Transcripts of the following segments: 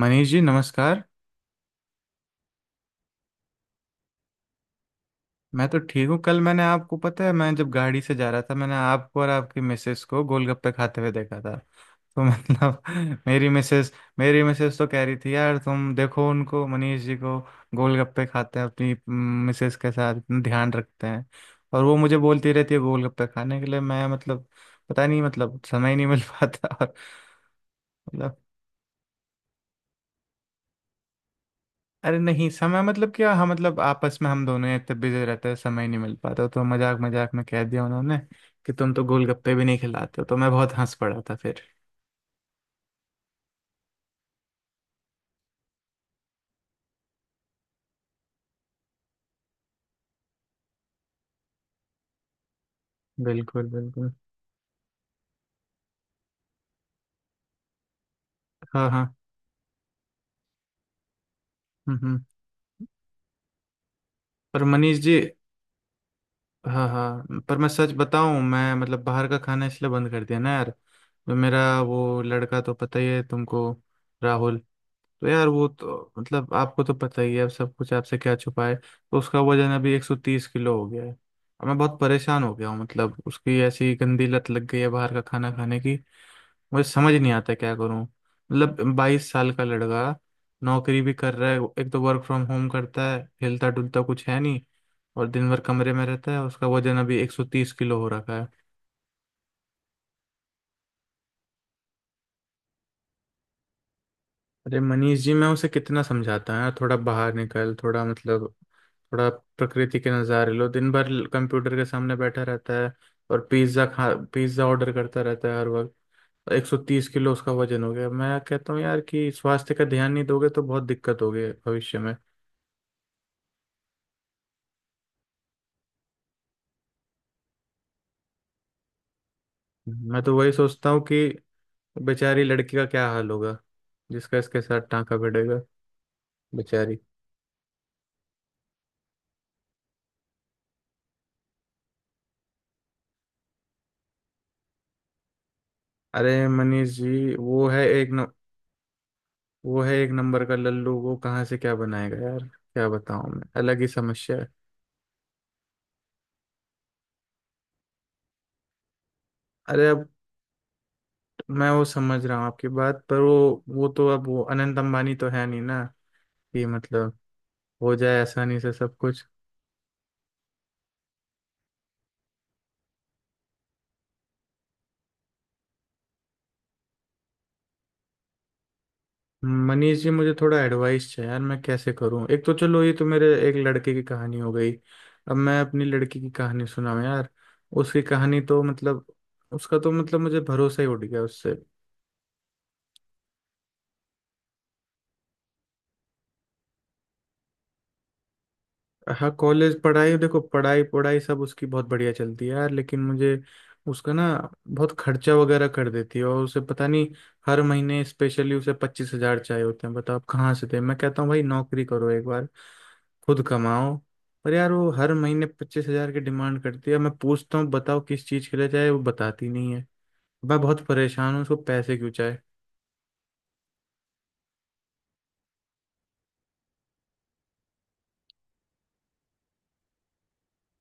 मनीष जी नमस्कार। मैं तो ठीक हूँ। कल मैंने आपको पता है, मैं जब गाड़ी से जा रहा था, मैंने आपको और आपकी मिसेस को गोलगप्पे खाते हुए देखा था। तो मतलब मेरी मिसेस मेरी मिसेस तो कह रही थी, यार तुम देखो उनको, मनीष जी को गोलगप्पे खाते हैं अपनी मिसेस के साथ, इतना ध्यान रखते हैं। और वो मुझे बोलती रहती है गोलगप्पे खाने के लिए। मैं मतलब पता नहीं, मतलब समय ही नहीं मिल पाता, और मतलब। अरे नहीं, समय मतलब क्या? हाँ मतलब आपस में हम दोनों ही इतने बिजी रहते हैं, समय नहीं मिल पाता। तो मजाक मजाक में कह दिया उन्होंने कि तुम तो गोलगप्पे भी नहीं खिलाते हो। तो मैं बहुत हंस पड़ा था फिर। बिल्कुल बिल्कुल। हाँ हाँ। हम्म हम्म। पर मनीष जी, हाँ हाँ, पर मैं सच बताऊं, मैं मतलब बाहर का खाना इसलिए बंद कर दिया ना यार। जो मेरा वो लड़का तो पता ही है तुमको, राहुल। तो यार वो तो मतलब आपको तो पता ही है, अब सब कुछ आपसे क्या छुपा है, तो उसका वजन अभी 130 किलो हो गया है। अब मैं बहुत परेशान हो गया हूँ, मतलब उसकी ऐसी गंदी लत लग गई है बाहर का खाना खाने की। मुझे समझ नहीं आता क्या करूँ, मतलब 22 साल का लड़का, नौकरी भी कर रहा है। एक तो वर्क फ्रॉम होम करता है, हिलता डुलता कुछ है नहीं, और दिन भर कमरे में रहता है। उसका वजन अभी एक सौ तीस किलो हो रखा है। अरे मनीष जी, मैं उसे कितना समझाता है, थोड़ा बाहर निकल, थोड़ा मतलब थोड़ा प्रकृति के नज़ारे लो। दिन भर कंप्यूटर के सामने बैठा रहता है और पिज्ज़ा खा, पिज्ज़ा ऑर्डर करता रहता है हर वक्त। 130 किलो उसका वजन हो गया, मैं कहता हूँ यार कि स्वास्थ्य का ध्यान नहीं दोगे तो बहुत दिक्कत होगी भविष्य में। मैं तो वही सोचता हूँ कि बेचारी लड़की का क्या हाल होगा जिसका इसके साथ टांका भिड़ेगा, बेचारी। अरे मनीष जी, वो है एक न, वो है एक नंबर का लल्लू, वो कहाँ से क्या बनाएगा यार? क्या बताऊं, मैं अलग ही समस्या है। अरे अब मैं वो समझ रहा हूँ आपकी बात, पर वो तो अब वो अनंत अंबानी तो है नहीं ना, कि मतलब हो जाए आसानी से सब कुछ। मनीष जी, मुझे थोड़ा एडवाइस चाहिए यार, मैं कैसे करूँ? एक तो चलो, ये तो मेरे एक लड़के की कहानी हो गई, अब मैं अपनी लड़की की कहानी सुनाऊँ यार। उसकी कहानी तो मतलब, उसका तो मतलब मुझे भरोसा ही उठ गया उससे। हाँ, कॉलेज पढ़ाई, देखो पढ़ाई पढ़ाई सब उसकी बहुत बढ़िया चलती है यार, लेकिन मुझे उसका ना, बहुत खर्चा वगैरह कर देती है और उसे पता नहीं। हर महीने स्पेशली उसे 25,000 चाहिए होते हैं। बताओ आप कहाँ से दे? मैं कहता हूँ भाई नौकरी करो एक बार, खुद कमाओ। पर यार वो हर महीने 25,000 की डिमांड करती है। मैं पूछता हूँ बताओ किस चीज़ के लिए चाहिए, वो बताती नहीं है। मैं बहुत परेशान हूँ उसको पैसे क्यों चाहिए।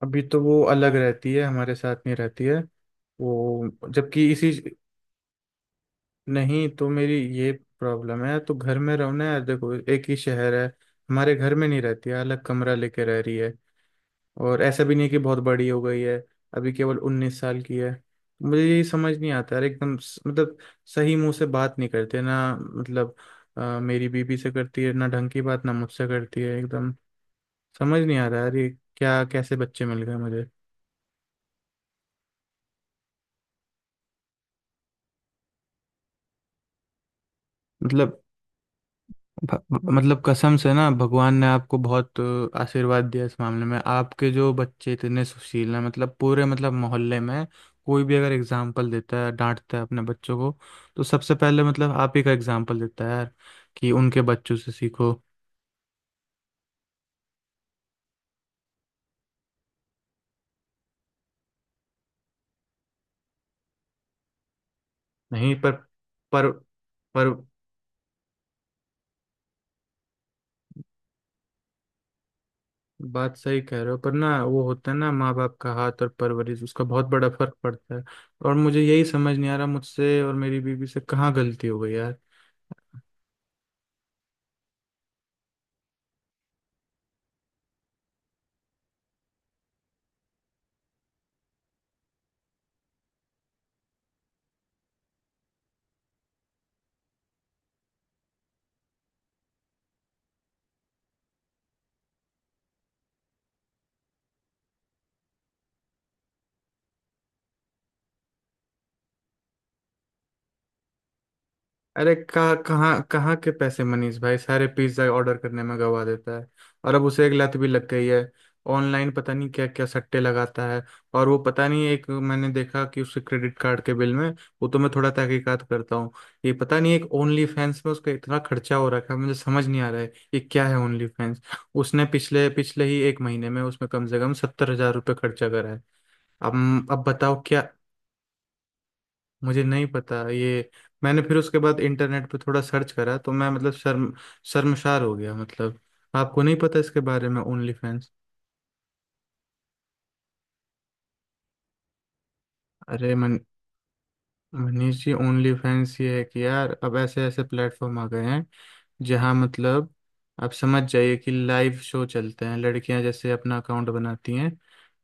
अभी तो वो अलग रहती है, हमारे साथ नहीं रहती है। वो जबकि इसी, नहीं तो मेरी ये प्रॉब्लम है, तो घर में रहो ना यार, देखो एक ही शहर है। हमारे घर में नहीं रहती है, अलग कमरा लेके रह रही है। और ऐसा भी नहीं है कि बहुत बड़ी हो गई है, अभी केवल 19 साल की है। मुझे यही समझ नहीं आता यार, मतलब सही मुंह से बात नहीं करते ना, मतलब मेरी बीबी से करती है ना ढंग की बात, ना मुझसे करती है एकदम। समझ नहीं आ रहा यार ये क्या, कैसे बच्चे मिल गए मुझे। मतलब भ- मतलब कसम से ना, भगवान ने आपको बहुत आशीर्वाद दिया इस मामले में। आपके जो बच्चे इतने सुशील हैं, मतलब पूरे मतलब मोहल्ले में कोई भी अगर एग्जाम्पल देता है, डांटता है अपने बच्चों को, तो सबसे पहले मतलब आप ही का एग्जाम्पल देता है यार, कि उनके बच्चों से सीखो। नहीं, पर पर बात सही कह रहे हो, पर ना वो होता है ना माँ बाप का हाथ और परवरिश, उसका बहुत बड़ा फर्क पड़ता है। और मुझे यही समझ नहीं आ रहा, मुझसे और मेरी बीवी से कहाँ गलती हो गई यार। अरे कहाँ कहाँ कहाँ के पैसे मनीष भाई, सारे पिज्ज़ा ऑर्डर करने में गवा देता है। और अब उसे एक लत भी लग गई है, ऑनलाइन पता नहीं क्या क्या सट्टे लगाता है। और वो पता नहीं, एक मैंने देखा कि उसके क्रेडिट कार्ड के बिल में, वो तो मैं थोड़ा तहकीकात करता हूँ, ये पता नहीं एक ओनली फैंस में उसका इतना खर्चा हो रखा है। मुझे समझ नहीं आ रहा है ये क्या है ओनली फैंस। उसने पिछले पिछले ही एक महीने में उसमें कम से कम 70,000 रुपये खर्चा करा है। अब बताओ क्या। मुझे नहीं पता ये। मैंने फिर उसके बाद इंटरनेट पे थोड़ा सर्च करा, तो मैं मतलब शर्मशार हो गया मतलब। आपको नहीं पता इसके बारे में ओनली फैंस? अरे मन अवनीश जी, ओनली फैंस ये है कि यार अब ऐसे ऐसे प्लेटफॉर्म आ गए हैं, जहां मतलब, आप समझ जाइए कि लाइव शो चलते हैं। लड़कियां जैसे अपना अकाउंट बनाती हैं,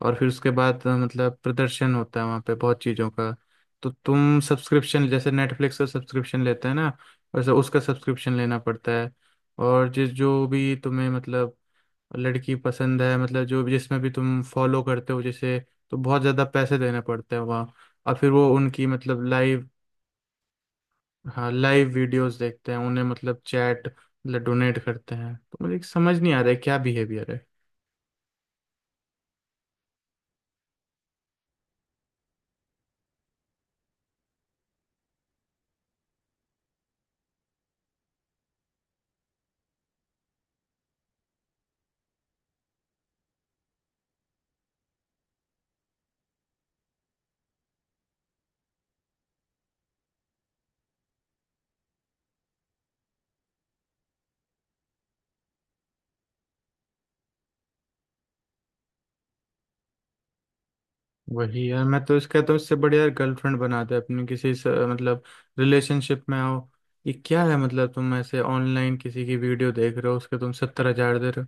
और फिर उसके बाद मतलब प्रदर्शन होता है वहां पे बहुत चीज़ों का। तो तुम सब्सक्रिप्शन, जैसे नेटफ्लिक्स का सब्सक्रिप्शन लेते हैं ना, वैसे उसका सब्सक्रिप्शन लेना पड़ता है। और जिस जो भी तुम्हें मतलब लड़की पसंद है, मतलब जो भी जिसमें भी तुम फॉलो करते हो जैसे, तो बहुत ज़्यादा पैसे देने पड़ते हैं वहाँ। और फिर वो उनकी मतलब लाइव, हाँ लाइव वीडियोस देखते हैं, उन्हें मतलब चैट मतलब डोनेट करते हैं। तो मुझे समझ नहीं आ रहा है क्या बिहेवियर है। वही यार, मैं तो इसका, तो इससे बढ़िया यार गर्लफ्रेंड बना दे अपनी किसी से, मतलब रिलेशनशिप में हो। ये क्या है मतलब, तुम ऐसे ऑनलाइन किसी की वीडियो देख रहे हो, उसके तुम 70,000 दे रहे हो।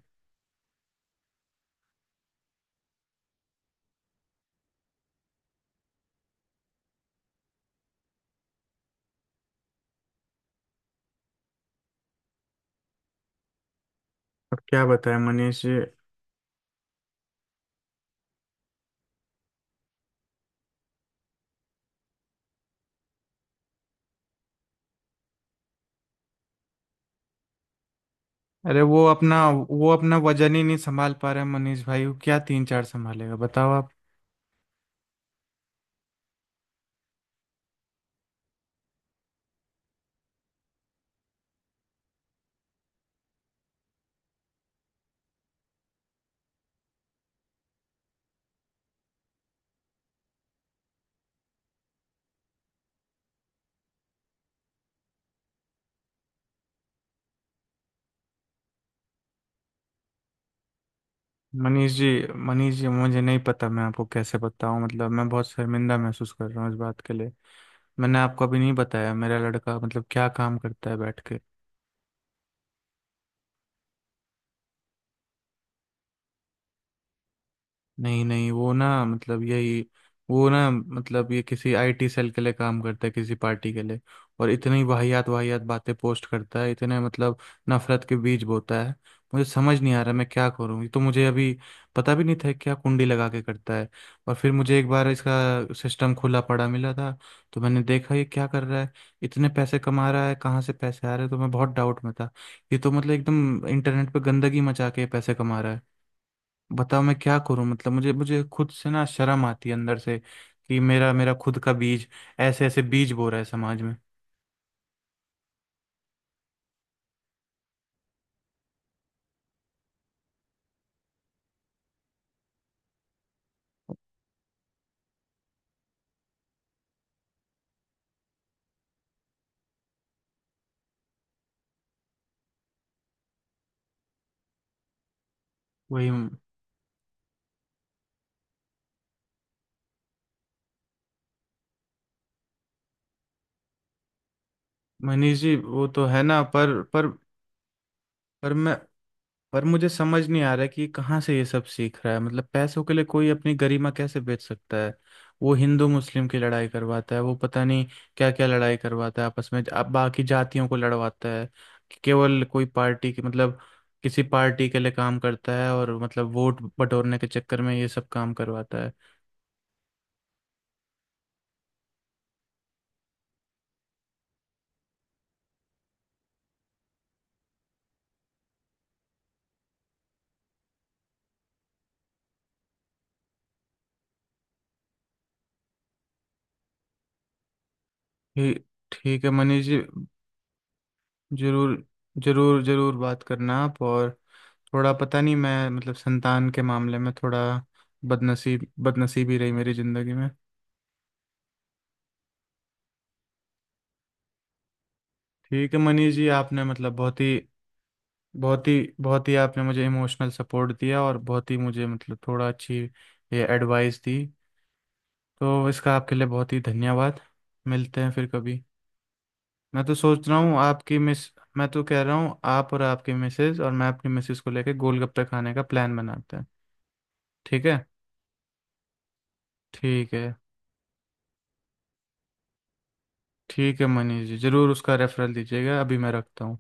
अब क्या बताएं मनीष जी। अरे वो अपना वजन ही नहीं संभाल पा रहे हैं मनीष भाई, वो क्या तीन चार संभालेगा बताओ आप। मनीष जी मनीष जी, मुझे नहीं पता मैं आपको कैसे बताऊं मतलब, मैं बहुत शर्मिंदा महसूस कर रहा हूँ इस बात के लिए। मैंने आपको अभी नहीं बताया मेरा लड़का मतलब क्या काम करता है बैठ के। नहीं नहीं, वो ना मतलब यही, वो ना मतलब ये किसी आईटी सेल के लिए काम करता है, किसी पार्टी के लिए। और इतनी वाहियात वाहियात बातें पोस्ट करता है, इतने मतलब नफरत के बीज बोता है। मुझे समझ नहीं आ रहा मैं क्या करूं, ये तो मुझे अभी पता भी नहीं था क्या कुंडी लगा के करता है। और फिर मुझे एक बार इसका सिस्टम खुला पड़ा मिला था, तो मैंने देखा ये क्या कर रहा है, इतने पैसे कमा रहा है, कहाँ से पैसे आ रहे हैं, तो मैं बहुत डाउट में था। ये तो मतलब एकदम इंटरनेट पे गंदगी मचा के पैसे कमा रहा है। बताओ मैं क्या करूं मतलब, मुझे मुझे खुद से ना शर्म आती है अंदर से, कि मेरा मेरा खुद का बीज ऐसे ऐसे बीज बो रहा है समाज में। वही। मनीष जी वो तो है ना, पर पर मैं पर मुझे समझ नहीं आ रहा है कि कहाँ से ये सब सीख रहा है। मतलब पैसों के लिए कोई अपनी गरिमा कैसे बेच सकता है? वो हिंदू मुस्लिम की लड़ाई करवाता है, वो पता नहीं क्या क्या लड़ाई करवाता है आपस में, अब बाकी जातियों को लड़वाता है। कि केवल कोई पार्टी की मतलब, किसी पार्टी के लिए काम करता है, और मतलब वोट बटोरने के चक्कर में ये सब काम करवाता है। ठी- ठीक है मनीष जी। जरूर जरूर जरूर बात करना आप। और थोड़ा पता नहीं, मैं मतलब संतान के मामले में थोड़ा बदनसीबी रही मेरी ज़िंदगी में। ठीक है मनीष जी, आपने मतलब बहुत ही बहुत ही आपने मुझे इमोशनल सपोर्ट दिया, और बहुत ही मुझे मतलब थोड़ा अच्छी ये एडवाइस दी। तो इसका आपके लिए बहुत ही धन्यवाद। मिलते हैं फिर कभी। मैं तो सोच रहा हूँ आपकी मिस मैं तो कह रहा हूँ आप और आपकी मिसेज और मैं अपनी मिसेज को लेकर गोलगप्पे खाने का प्लान बनाते हैं, ठीक है? ठीक है। ठीक है मनीष जी, ज़रूर उसका रेफरल दीजिएगा। अभी मैं रखता हूँ।